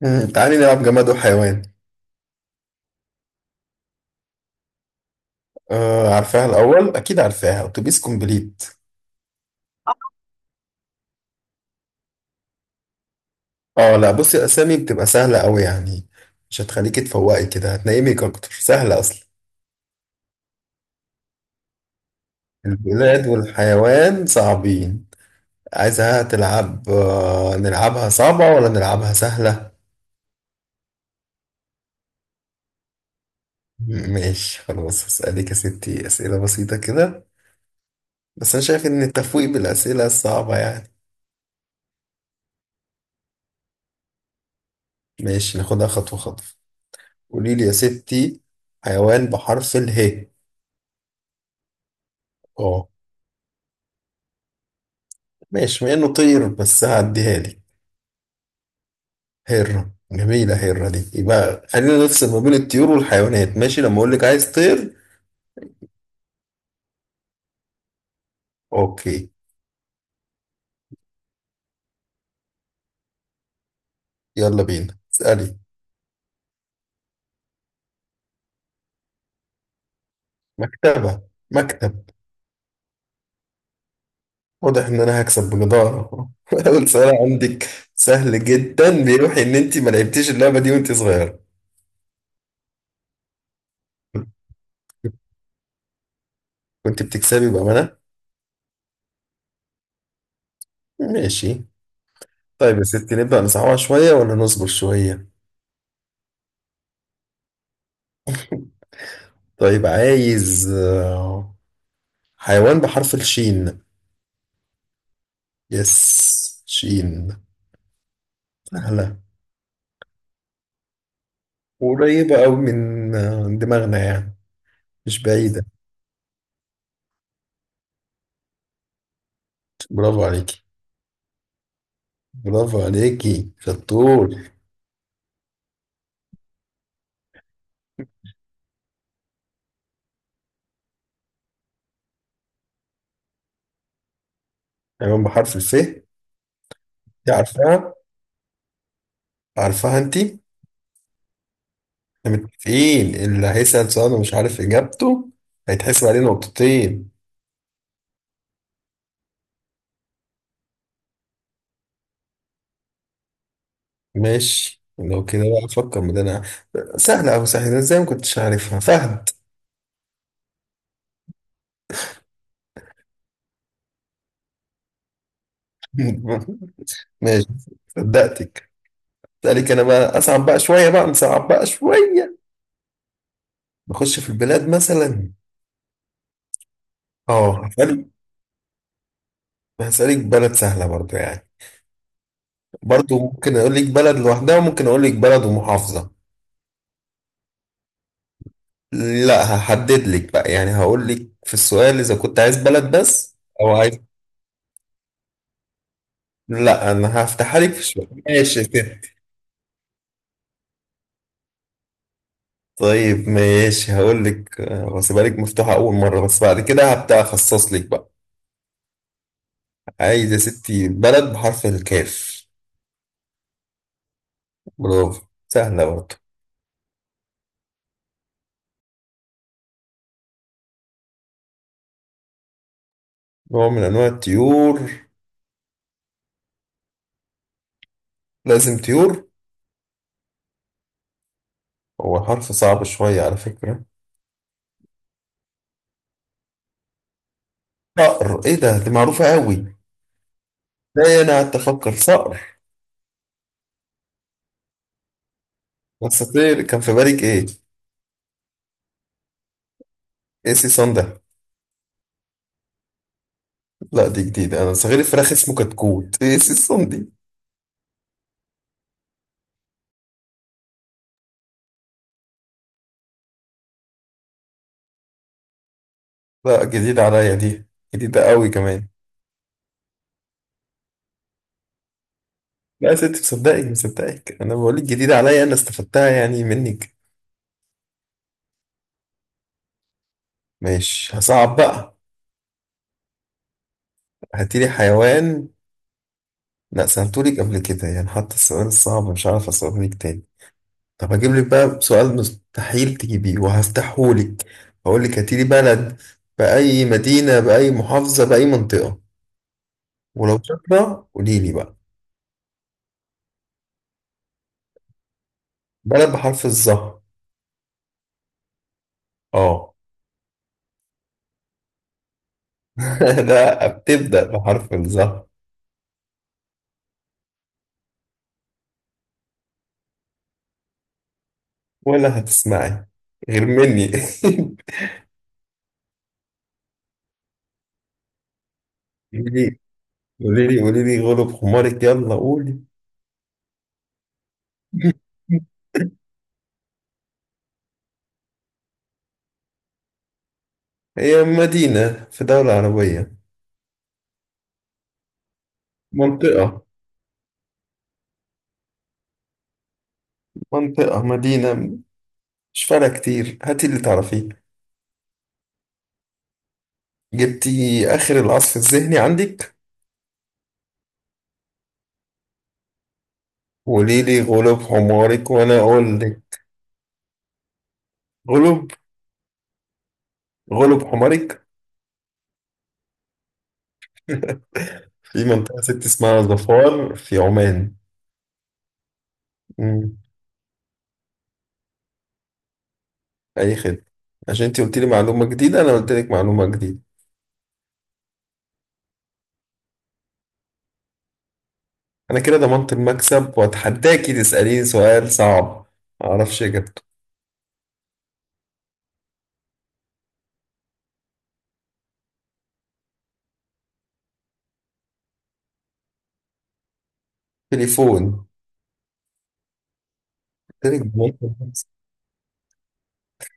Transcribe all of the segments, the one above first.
تعالي نلعب جماد وحيوان. آه، عارفاها الأول أكيد. عارفاها أتوبيس كومبليت. اه لا، بصي الأسامي بتبقى سهلة أوي يعني. مش هتخليكي تفوقي كده، هتنيمك أكتر، سهلة أصلا. البلاد والحيوان صعبين. عايزها تلعب، آه نلعبها صعبة ولا نلعبها سهلة؟ ماشي خلاص، هسألك يا ستي أسئلة بسيطة كده. بس أنا شايف إن التفويق بالأسئلة الصعبة يعني. ماشي ناخدها خطوة خطوة. قوليلي يا ستي، حيوان بحرف اله. ماشي مع انه طير بس هعديها لك. هرة جميلة، هرة دي يبقى. خلينا نفصل ما بين الطيور والحيوانات، ماشي؟ لما اقول لك عايز طير. اوكي. يلا بينا اسألي. مكتبة، مكتب. واضح ان انا هكسب بجدارة. اول سؤال عندك سهل جدا، بيوحي ان انت ما لعبتيش اللعبة دي وانت صغيرة. كنت بتكسبي بأمانة. ماشي. طيب يا ستي، نبدأ نصعبها شوية ولا نصبر شوية؟ طيب، عايز حيوان بحرف الشين. يس، شين. سهلة. وقريبة أوي من دماغنا يعني، مش بعيدة. برافو عليكي. برافو عليكي، شطور. حيوان بحرف الف. دي عارفاها. عارفاها انتي. احنا متفقين اللي هيسأل سؤال ومش عارف إجابته هيتحسب عليه نقطتين. ماشي، لو كده بقى أفكر من أنا. سهلة أوي، سهلة إزاي ما كنتش عارفها؟ فهد. ماشي. صدقتك. أسألك أنا بقى، أصعب بقى شوية بقى نصعب بقى شوية. نخش في البلاد مثلا. اه، هسألك بلد سهلة برضو يعني. برضو ممكن اقول لك بلد لوحدها، وممكن اقول لك بلد ومحافظة. لا، هحدد لك بقى يعني. هقول لك في السؤال اذا كنت عايز بلد بس او عايز. لا، انا هفتحها لك في شوية ماشي كده. طيب ماشي، هقول لك واسيبها لك مفتوحة اول مرة، بس بعد كده هبدأ اخصص لك بقى. عايز يا ستي بلد بحرف الكاف. برافو. سهلة برضو. نوع من انواع الطيور. لازم طيور. هو حرف صعب شوية على فكرة. صقر. ايه ده، دي معروفة قوي. لا انا قعدت افكر، صقر. اساطير كان في بالك ايه؟ ايه سي صن ده؟ لا دي جديدة، انا صغير الفراخ اسمه كتكوت. ايه سي صن دي؟ لا جديدة عليا دي، جديدة قوي كمان. لا يا ستي، مصدقك مصدقك، انا بقولك جديدة عليا، انا استفدتها يعني منك. ماشي، هصعب بقى. هاتيلي حيوان. لا، سألتولك قبل كده يعني، حتى السؤال الصعب مش عارف اسألهولك تاني. طب هجيب لك بقى سؤال مستحيل تجيبيه وهفتحهولك. هقول لك هاتيلي بلد، بأي مدينة بأي محافظة بأي منطقة. ولو شاطرة قولي لي بقى. بلد بحرف الظهر. اه. لا، بتبدأ بحرف الظهر. ولا هتسمعي، غير مني. قولي لي، قولي لي، قولي لي غلب حمارك، يلا قولي. هي مدينة في دولة عربية. منطقة. منطقة، مدينة. مش فارقة كتير، هاتي اللي تعرفيه. جبتي آخر العصف الذهني عندك. وقولي لي غلب حمارك وأنا أقول لك. غلب غلب حمارك. في منطقة ست اسمها ظفار في عمان. مم. أي خدمة. عشان أنت قلت لي معلومة جديدة، أنا قلت لك معلومة جديدة. أنا كده ضمنت المكسب، وأتحداكي تسأليني سؤال صعب معرفش إجابته. تليفون. قلت لك ضمنت المكسب.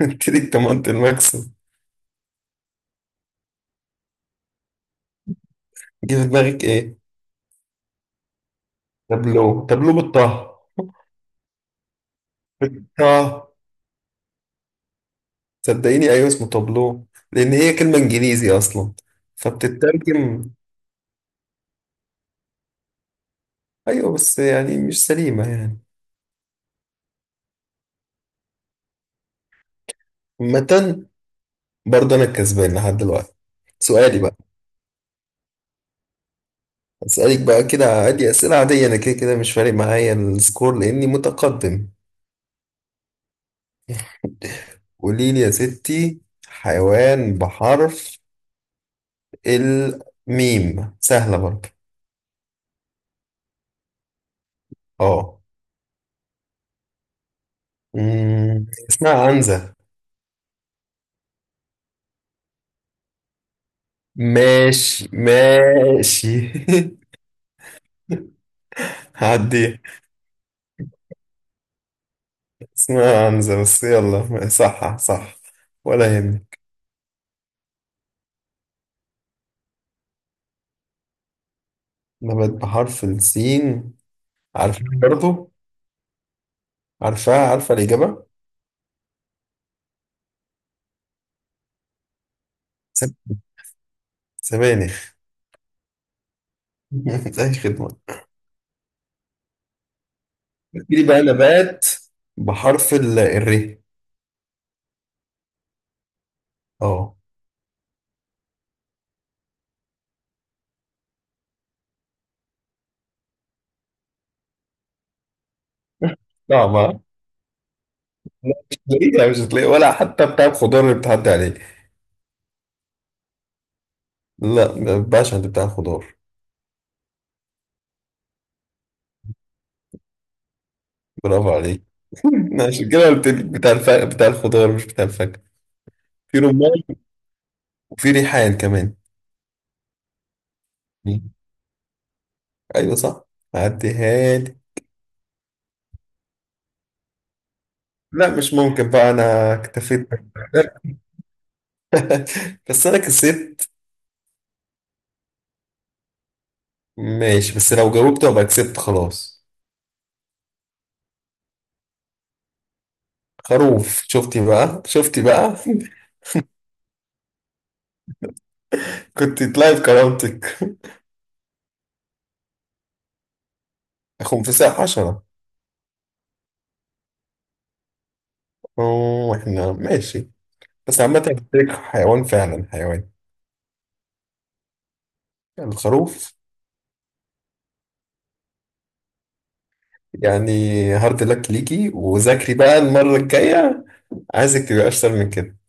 قلت لك ضمنت المكسب. جه في دماغك إيه؟ تابلو، تابلو بالطه. بالطه. صدقيني، ايوه اسمه تابلو، لان هي كلمه انجليزي اصلا، فبتترجم. ايوه بس يعني مش سليمه يعني. متن. برضه انا الكسبان لحد دلوقتي. سؤالي بقى. اسالك بقى كده عادي، اسئله عاديه، انا كده كده مش فارق معايا السكور لاني متقدم. قولي لي يا ستي، حيوان بحرف الميم، سهله برضه. اه. اسمها عنزه. ماشي، ماشي. هعديها. اسمها عنزة بس، يلا صح صح، ولا يهمك. نبات بحرف السين. عارفاه برضه. عارفاه، عارفة الإجابة. سب- سبانخ. أي خدمة. دي بقى نبات بحرف الر. اه، صعبة. لا مش هتلاقيها، مش هتلاقيها ولا حتى بتاع الخضار اللي بتعدي عليه. لا، ما ينفعش عند بتاع الخضار. برافو عليك. عشان كده قلت لك بتاع بتاع الخضار مش بتاع الفاكهة. في رمان، وفي ريحان كمان. ايوه صح، عديها. لا مش ممكن بقى، انا اكتفيت. بس انا كسبت. ماشي، بس لو جاوبت ابقى كسبت خلاص. خروف. شفتي بقى، شفتي بقى. كنت تلاقي بكرامتك. خنفساء حشرة. اوه، احنا ماشي. بس عامة الفكرة حيوان، فعلا حيوان. الخروف. يعني، هارد لك ليكي، وذاكري بقى المرة الجاية. عايزك تبقى اشطر من كده.